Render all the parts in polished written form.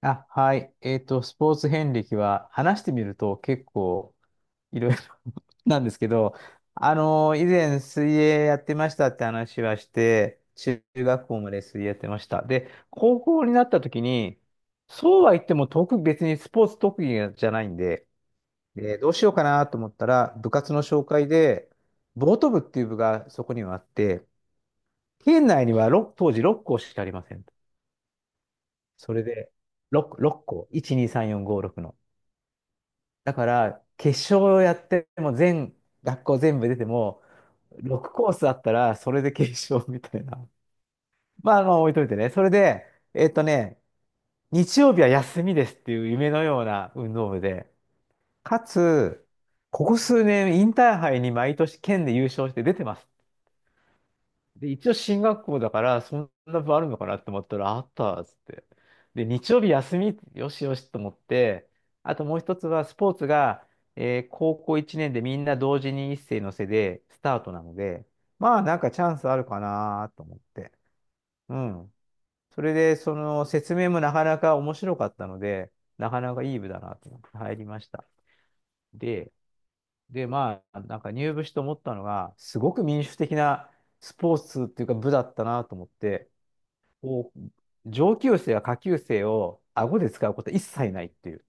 あ、はい。スポーツ遍歴は話してみると結構いろいろ なんですけど、以前水泳やってましたって話はして、中学校まで水泳やってました。で、高校になった時に、そうは言っても別にスポーツ特技じゃないんで、で、どうしようかなと思ったら、部活の紹介で、ボート部っていう部がそこにはあって、県内には当時6校しかありません。それで、6、6校、1、2、3、4、5、6の。だから、決勝をやっても学校全部出ても、6コースあったら、それで決勝みたいな。まあ、置いといてね。それで、えっとね、日曜日は休みですっていう夢のような運動部で、かつ、ここ数年、インターハイに毎年県で優勝して出てます。で、一応進学校だから、そんな部あるのかなって思ったら、あったっつって。で、日曜日休み、よしよしと思って、あともう一つは、スポーツが、高校1年でみんな同時に一斉のせでスタートなので、まあなんかチャンスあるかなと思って。うん。それで、その説明もなかなか面白かったので、なかなかいい部だなと思って入りました。で、で、まあ、なんか入部して思ったのが、すごく民主的なスポーツっていうか部だったなと思って、こう、上級生や下級生を顎で使うこと一切ないっていう。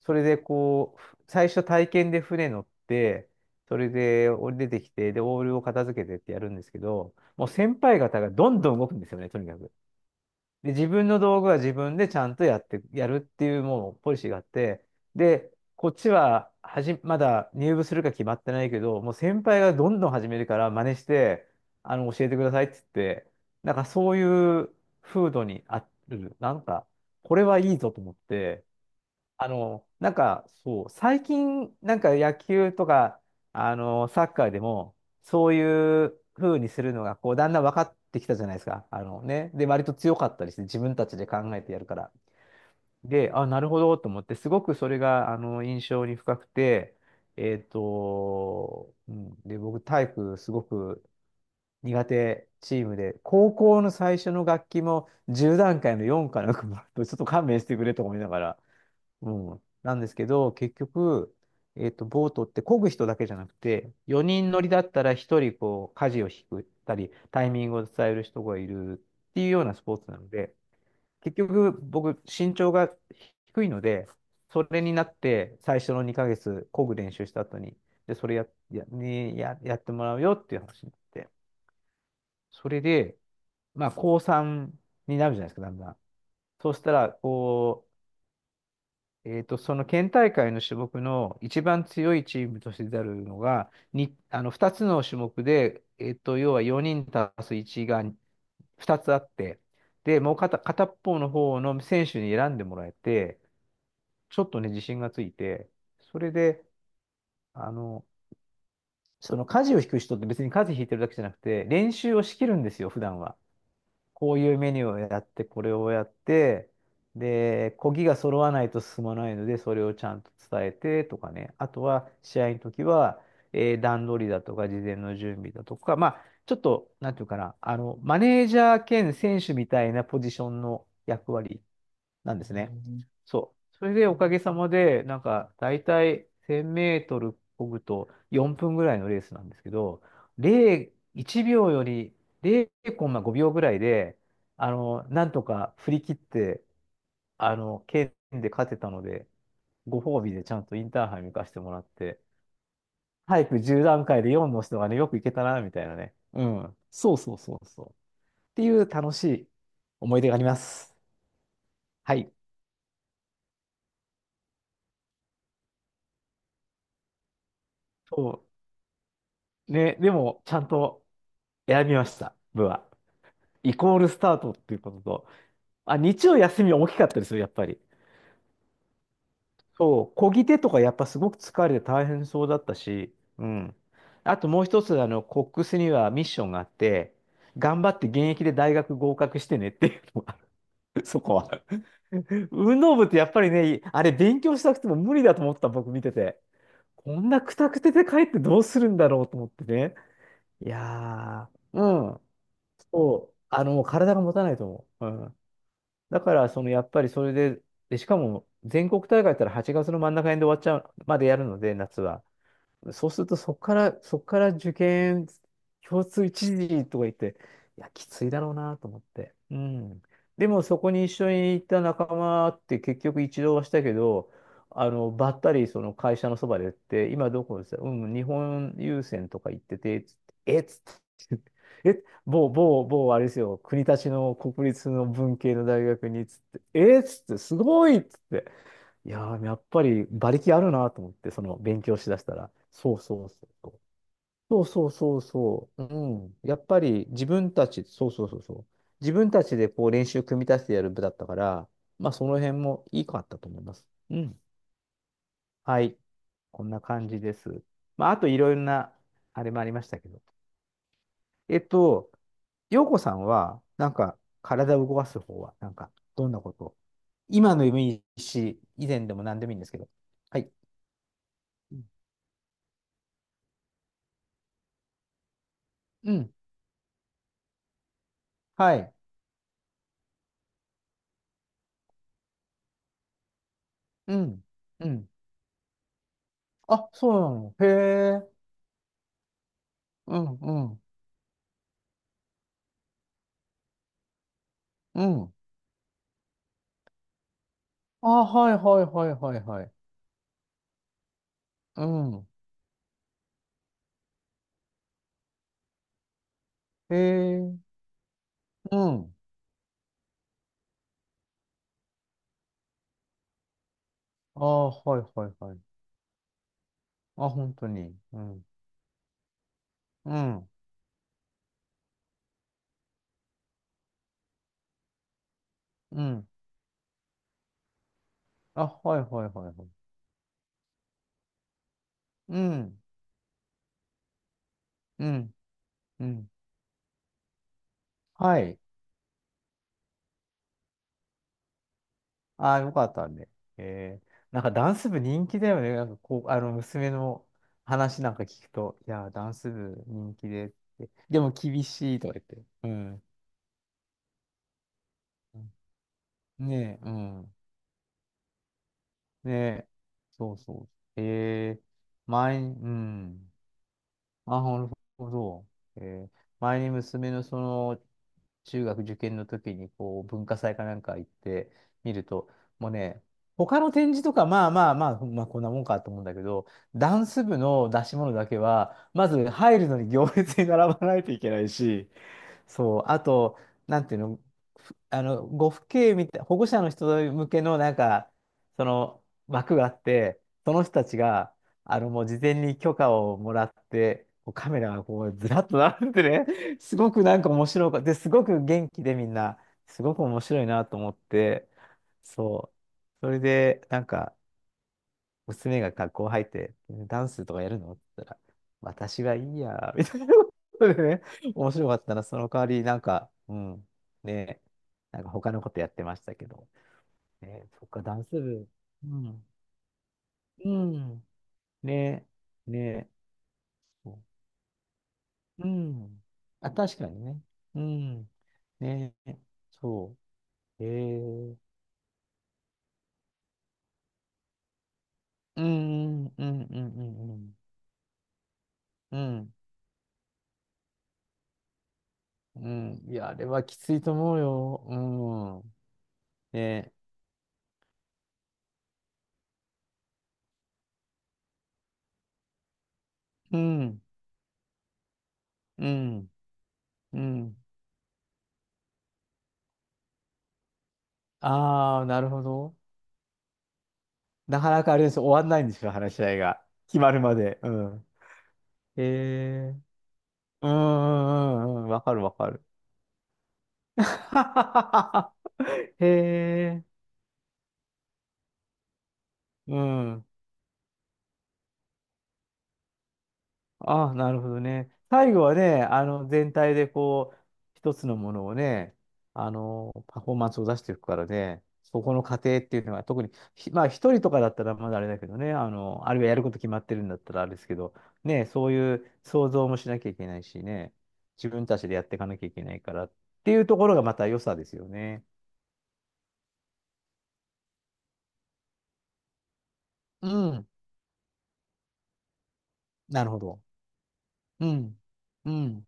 それでこう、最初体験で船乗って、それで降り出てきて、で、オールを片付けてってやるんですけど、もう先輩方がどんどん動くんですよね、とにかく。で、自分の道具は自分でちゃんとやるっていうもうポリシーがあって、で、こっちはまだ入部するか決まってないけど、もう先輩がどんどん始めるから真似して、教えてくださいって言って、なんかそういう風土にある、なんか、これはいいぞと思って、なんか、そう、最近、なんか野球とか、サッカーでも、そういう風にするのが、こう、だんだん分かってきたじゃないですか。あのね。で、割と強かったりして、自分たちで考えてやるから。で、あ、なるほど、と思って、すごくそれが、印象に深くて、で、僕、体育、すごく苦手チームで、高校の最初の楽器も、10段階の4かなんかもらって、ちょっと勘弁してくれと思いながら、うん。なんですけど、結局、ボートって漕ぐ人だけじゃなくて、4人乗りだったら1人こう、舵を引くたり、タイミングを伝える人がいるっていうようなスポーツなので、結局僕、身長が低いので、それになって最初の2ヶ月漕ぐ練習した後に、で、それや、や、にや、やってもらうよっていう話になって、それで、まあ、高3になるじゃないですか、だんだん。そうしたら、こえーと、その県大会の種目の一番強いチームとして出るのが、あの2つの種目で、要は4人足す1が2つあって、で、もう片っぽの方の選手に選んでもらえて、ちょっとね、自信がついて、それで、あの、その舵を引く人って別に舵引いてるだけじゃなくて、練習をしきるんですよ、普段は。こういうメニューをやって、これをやって、で、漕ぎが揃わないと進まないので、それをちゃんと伝えてとかね。あとは、試合の時は、段取りだとか、事前の準備だとか、まあ、ちょっと、なんていうかな、マネージャー兼選手みたいなポジションの役割なんですね。そう。それでおかげさまで、なんか、だいたい1000メートル漕ぐと4分ぐらいのレースなんですけど、0、1秒より0コンマ5秒ぐらいで、なんとか振り切って、県で勝てたので、ご褒美でちゃんとインターハイに行かせてもらって、早く10段階で4の人がね、よく行けたな、みたいなね。うん。そうそうそうそう。っていう楽しい思い出があります。はい。そう。ね、でも、ちゃんと選びました、部は。イコールスタートっていうことと、あ、日曜休みは大きかったですよ、やっぱり。そう、漕ぎ手とかやっぱすごく疲れて大変そうだったし、うん。あともう一つ、コックスにはミッションがあって、頑張って現役で大学合格してねっていうのがある、そこは。運動部ってやっぱりね、あれ勉強したくても無理だと思ってた僕見てて、こんなくたくてで帰ってどうするんだろうと思ってね。いやー、うん。そう、もう体が持たないと思う。うん。だから、その、やっぱりそれで、で、しかも、全国大会やったら8月の真ん中辺で終わっちゃう、までやるので、夏は。そうすると、そこから受験、共通一時とか言って、いや、きついだろうなと思って。うん。でも、そこに一緒に行った仲間って結局一度はしたけど、ばったりその会社のそばで言って、今どこですかうん、日本郵船とか行ってて、つってえっつって、え、某、某、某、あれですよ、国立の文系の大学に、つって、えっつって、すごいっつって。いやー、やっぱり馬力あるなと思って、その勉強しだしたら。そうそうそうそう。そうそうそうそう。うん。やっぱり自分たち、そうそうそうそう。自分たちでこう練習組み立ててやる部だったから、まあその辺もいいかったと思います。うん。はい。こんな感じです。まああといろいろな、あれもありましたけど。えっと、陽子さんは、なんか体を動かす方は、なんかどんなこと今の夢いいし、以前でも何でもいいんですけど。はい。うん。うんはい。うん。うん。あ、そうなの。へえ。うん、うん、うん。あ、はいはいはいはいはい。うん。へえ。うん。あ、はいはいはい。あ、本当に。うん。うん。うん。あ、はいはいはいはい。うん。うん。うん。はい。あ、よかったね。へえ。なんかダンス部人気だよね。なんかこう、娘の話なんか聞くと、いや、ダンス部人気でって。でも厳しいとか言って。うん。ねえ、うん。ねえ、そうそう。前に、うん。あ、なるほど。えー、前に娘のその、中学受験の時に、こう、文化祭かなんか行ってみると、もうね、他の展示とか、まあまあまあ、まあこんなもんかと思うんだけど、ダンス部の出し物だけは、まず入るのに行列に並ばないといけないし、そう、あと、なんていうの、ふあの、ご父兄みたい、保護者の人向けの、なんか、その枠があって、その人たちが、もう事前に許可をもらって、こうカメラがこう、ずらっと並んでね、すごくなんか面白くで、すごく元気でみんな、すごく面白いなと思って、そう。それで、なんか、娘が学校入って、ダンスとかやるのって言ったら、私はいいや、みたいなことでね、面白かったな、その代わり、なんか、うん、ね、なんか他のことやってましたけど、ね、そっか、ダンス部、うん、うん、ね、ね、そう、うん、あ、確かにね、うん、ね、そう、うん、うん、うん、うん、うん、うん、うん、いや、あれはきついと思うよ、うん、ね。うん、うん、うん。ああ、なるほど。なかなかあれです。終わんないんですよ、話し合いが。決まるまで。うん。へえうんうんうんうん。わかるわかる。へえ。うん。ああ、なるほどね。最後はね、全体でこう、一つのものをね、パフォーマンスを出していくからね、そこの過程っていうのが、特に、まあ、一人とかだったらまだあれだけどね、あるいはやること決まってるんだったらあれですけど、ね、そういう想像もしなきゃいけないしね、自分たちでやっていかなきゃいけないからっていうところがまた良さですよね。うん、なるほど。うん、うん。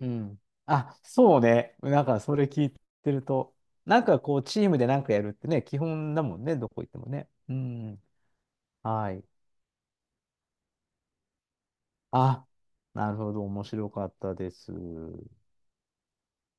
うん。あ、そうね。なんか、それ聞いてると、なんかこう、チームでなんかやるってね、基本だもんね、どこ行ってもね。うん。はい。あ、なるほど。面白かったです。